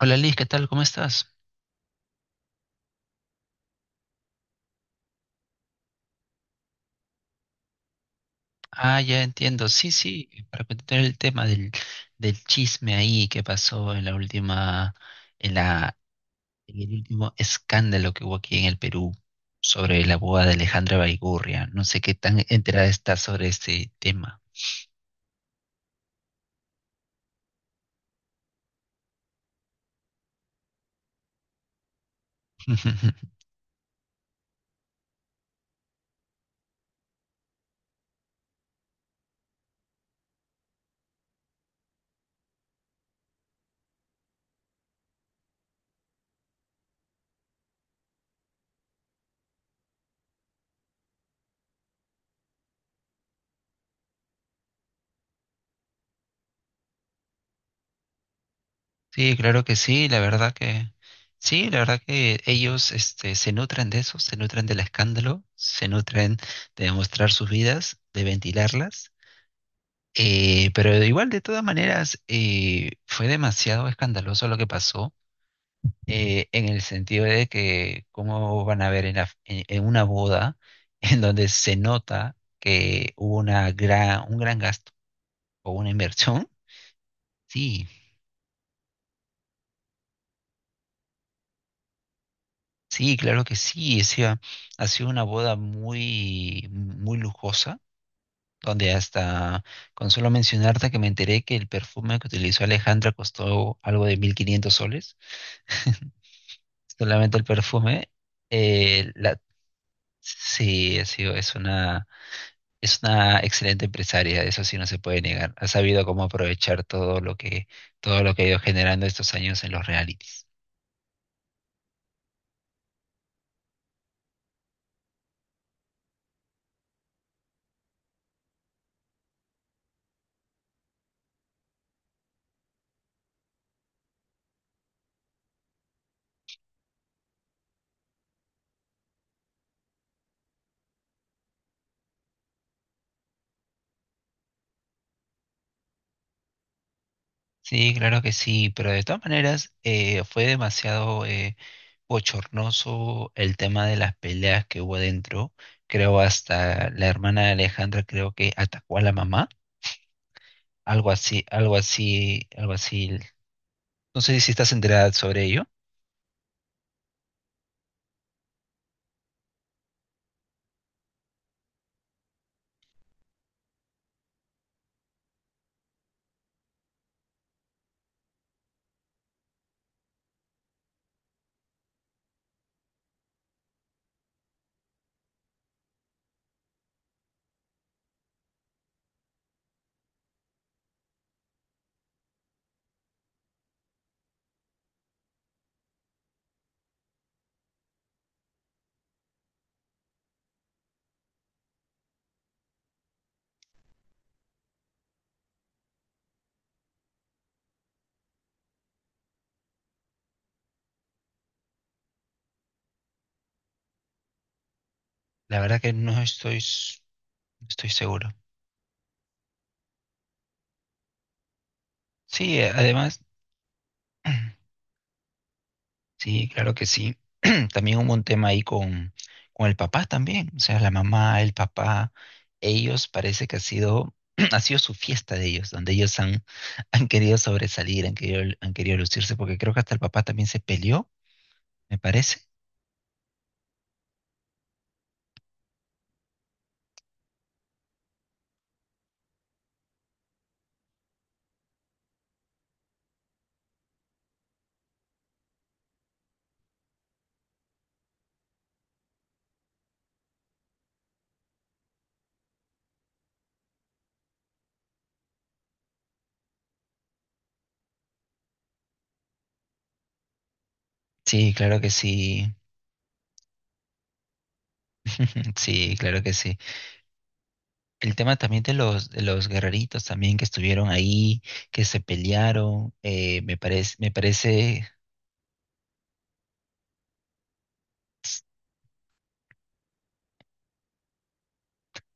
Hola Liz, ¿qué tal? ¿Cómo estás? Ah, ya entiendo. Sí, sí, para continuar el tema del chisme ahí que pasó en la última, en la, en el último escándalo que hubo aquí en el Perú sobre la boda de Alejandra Baigurria. No sé qué tan enterada estás sobre este tema. Sí, claro que sí, la verdad que sí, la verdad que ellos, este, se nutren de eso, se nutren del escándalo, se nutren de mostrar sus vidas, de ventilarlas. Pero igual, de todas maneras, fue demasiado escandaloso lo que pasó, en el sentido de que cómo van a ver en una boda en donde se nota que hubo un gran gasto o una inversión. Sí, sí, claro que sí. O sea, ha sido una boda muy, muy lujosa, donde hasta, con solo mencionarte que me enteré que el perfume que utilizó Alejandra costó algo de 1500 soles. Solamente el perfume. Eh, la, sí, ha sido, es una excelente empresaria, eso sí no se puede negar. Ha sabido cómo aprovechar todo lo que ha ido generando estos años en los realities. Sí, claro que sí, pero de todas maneras fue demasiado bochornoso el tema de las peleas que hubo dentro. Creo hasta la hermana de Alejandra creo que atacó a la mamá, algo así, algo así, algo así. No sé si estás enterada sobre ello. La verdad que no estoy seguro. Sí, además, sí, claro que sí. También hubo un tema ahí con el papá también. O sea, la mamá, el papá, ellos parece que ha sido, ha sido su fiesta de ellos, donde ellos han, han querido sobresalir, han querido lucirse, porque creo que hasta el papá también se peleó, me parece. Sí, claro que sí. Sí, claro que sí. El tema también de los guerreritos también que estuvieron ahí, que se pelearon, me parece,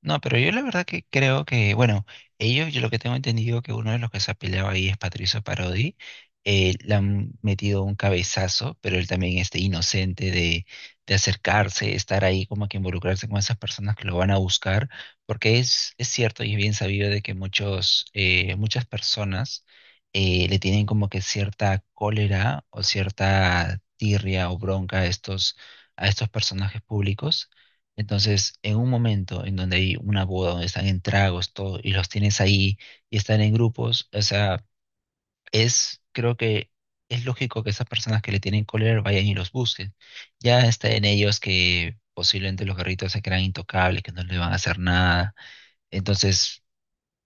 No, pero yo la verdad que creo que, bueno, ellos, yo lo que tengo entendido que uno de los que se ha peleado ahí es Patricio Parodi. Le han metido un cabezazo, pero él también, este, inocente de acercarse, estar ahí como que involucrarse con esas personas que lo van a buscar, porque es cierto y es bien sabido de que muchas personas le tienen como que cierta cólera o cierta tirria o bronca a estos personajes públicos. Entonces, en un momento en donde hay una boda, donde están en tragos, todo, y los tienes ahí y están en grupos, o sea, creo que es lógico que esas personas que le tienen cólera vayan y los busquen. Ya está en ellos que posiblemente los garritos se crean intocables, que no le van a hacer nada. Entonces,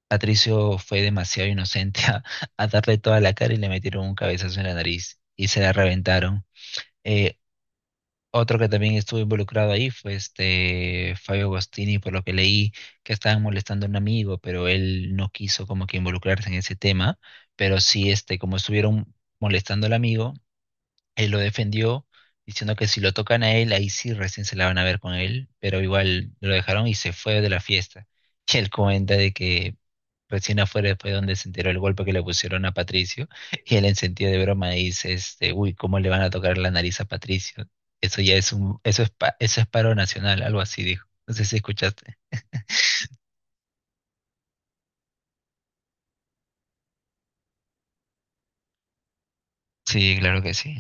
Patricio fue demasiado inocente a darle toda la cara y le metieron un cabezazo en la nariz y se la reventaron. Eh, Otro que también estuvo involucrado ahí fue este Fabio Agostini, por lo que leí que estaban molestando a un amigo, pero él no quiso como que involucrarse en ese tema, pero sí, este, como estuvieron molestando al amigo, él lo defendió diciendo que si lo tocan a él, ahí sí recién se la van a ver con él, pero igual lo dejaron y se fue de la fiesta. Y él comenta de que recién afuera fue donde se enteró el golpe que le pusieron a Patricio. Y él en sentido de broma dice, este, uy, ¿cómo le van a tocar la nariz a Patricio? Eso ya es un, eso es, pa- eso es paro nacional, algo así dijo. No sé si escuchaste. Sí, claro que sí.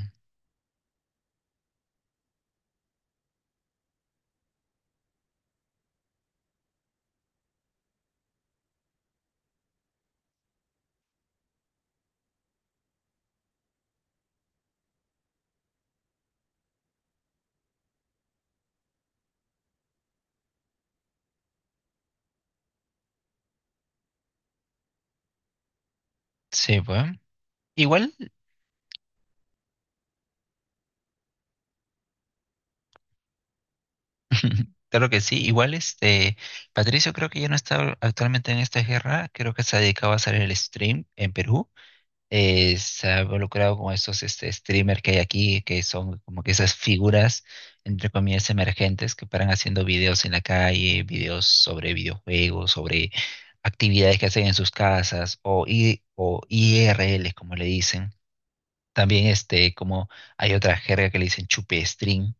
Sí, pues. Igual. Claro que sí, igual este Patricio creo que ya no está actualmente en esta guerra, creo que se ha dedicado a hacer el stream en Perú. Se ha involucrado con estos, este, streamers que hay aquí, que son como que esas figuras, entre comillas, emergentes que paran haciendo videos en la calle, videos sobre videojuegos, sobre actividades que hacen en sus casas, o IRLs como le dicen. También, este, como hay otra jerga que le dicen chupe stream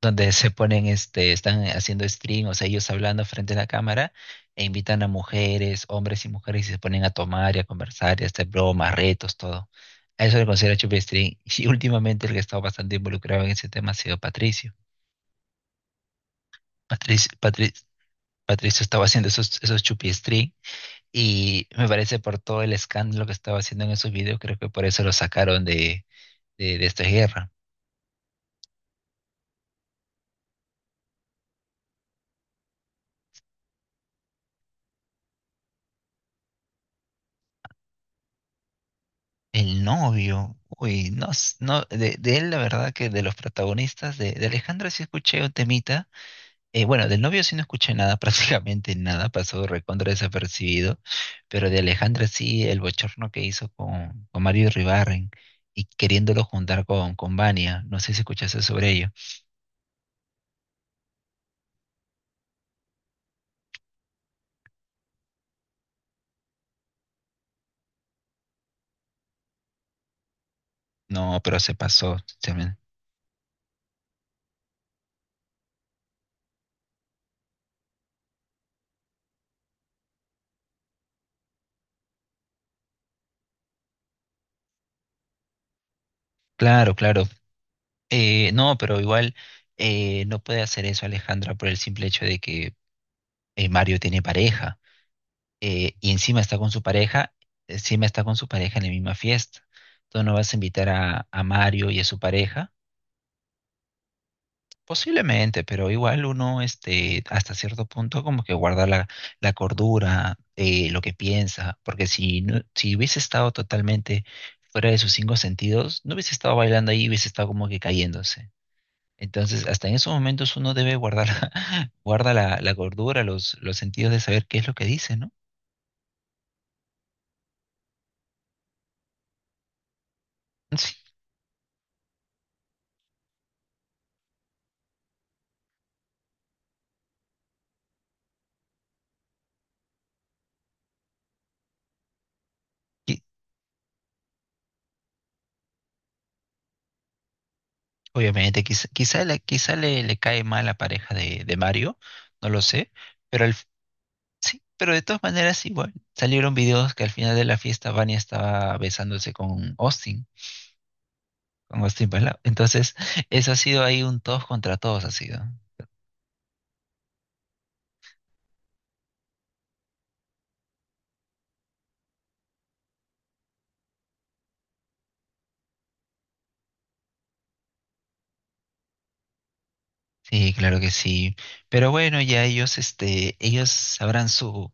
donde se ponen, este, están haciendo stream, o sea, ellos hablando frente a la cámara e invitan a mujeres, hombres y mujeres, y se ponen a tomar y a conversar y a hacer bromas, retos, todo. A eso le considero chupi stream. Y últimamente el que ha estado bastante involucrado en ese tema ha sido Patricio. Patricio, Patricio, Patricio estaba haciendo esos chupi stream, y me parece por todo el escándalo que estaba haciendo en esos videos, creo que por eso lo sacaron de esta guerra. El novio, uy, no, de él la verdad que de los protagonistas, de Alejandro sí escuché un temita. Bueno, del novio sí no escuché nada, prácticamente nada, pasó recontra desapercibido, pero de Alejandra sí, el bochorno que hizo con Mario Ribarren y queriéndolo juntar con Vania, no sé si escuchaste sobre ello. No, pero se pasó, se me- claro, claro. No, pero igual no puede hacer eso Alejandra por el simple hecho de que Mario tiene pareja. Y encima está con su pareja, encima está con su pareja en la misma fiesta. Tú no vas a invitar a Mario y a su pareja, posiblemente, pero igual uno, este, hasta cierto punto, como que guarda la cordura, lo que piensa, porque si hubiese estado totalmente fuera de sus cinco sentidos, no hubiese estado bailando ahí, hubiese estado como que cayéndose. Entonces, hasta en esos momentos uno debe guardar, guarda la cordura, los sentidos de saber qué es lo que dice, ¿no? Sí, obviamente, quizá le cae mal la pareja de Mario, no lo sé, pero sí, pero de todas maneras igual salieron videos que al final de la fiesta Vania estaba besándose con Austin Palao. Entonces, eso ha sido ahí un todos contra todos ha sido. Sí, claro que sí. Pero bueno, ya ellos, este, ellos sabrán su,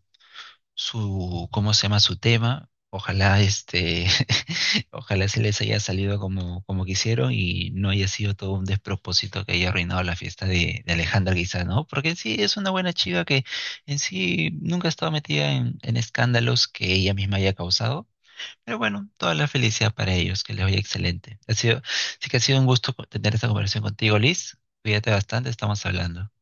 su, ¿cómo se llama?, su tema. Ojalá, este, ojalá se les haya salido como quisieron y no haya sido todo un despropósito que haya arruinado la fiesta de Alejandra quizá, ¿no? Porque en sí es una buena chica que en sí nunca ha estado metida en escándalos que ella misma haya causado. Pero bueno, toda la felicidad para ellos, que les vaya excelente. Ha sido, sí que ha sido un gusto tener esta conversación contigo, Liz. Cuídate bastante, estamos hablando.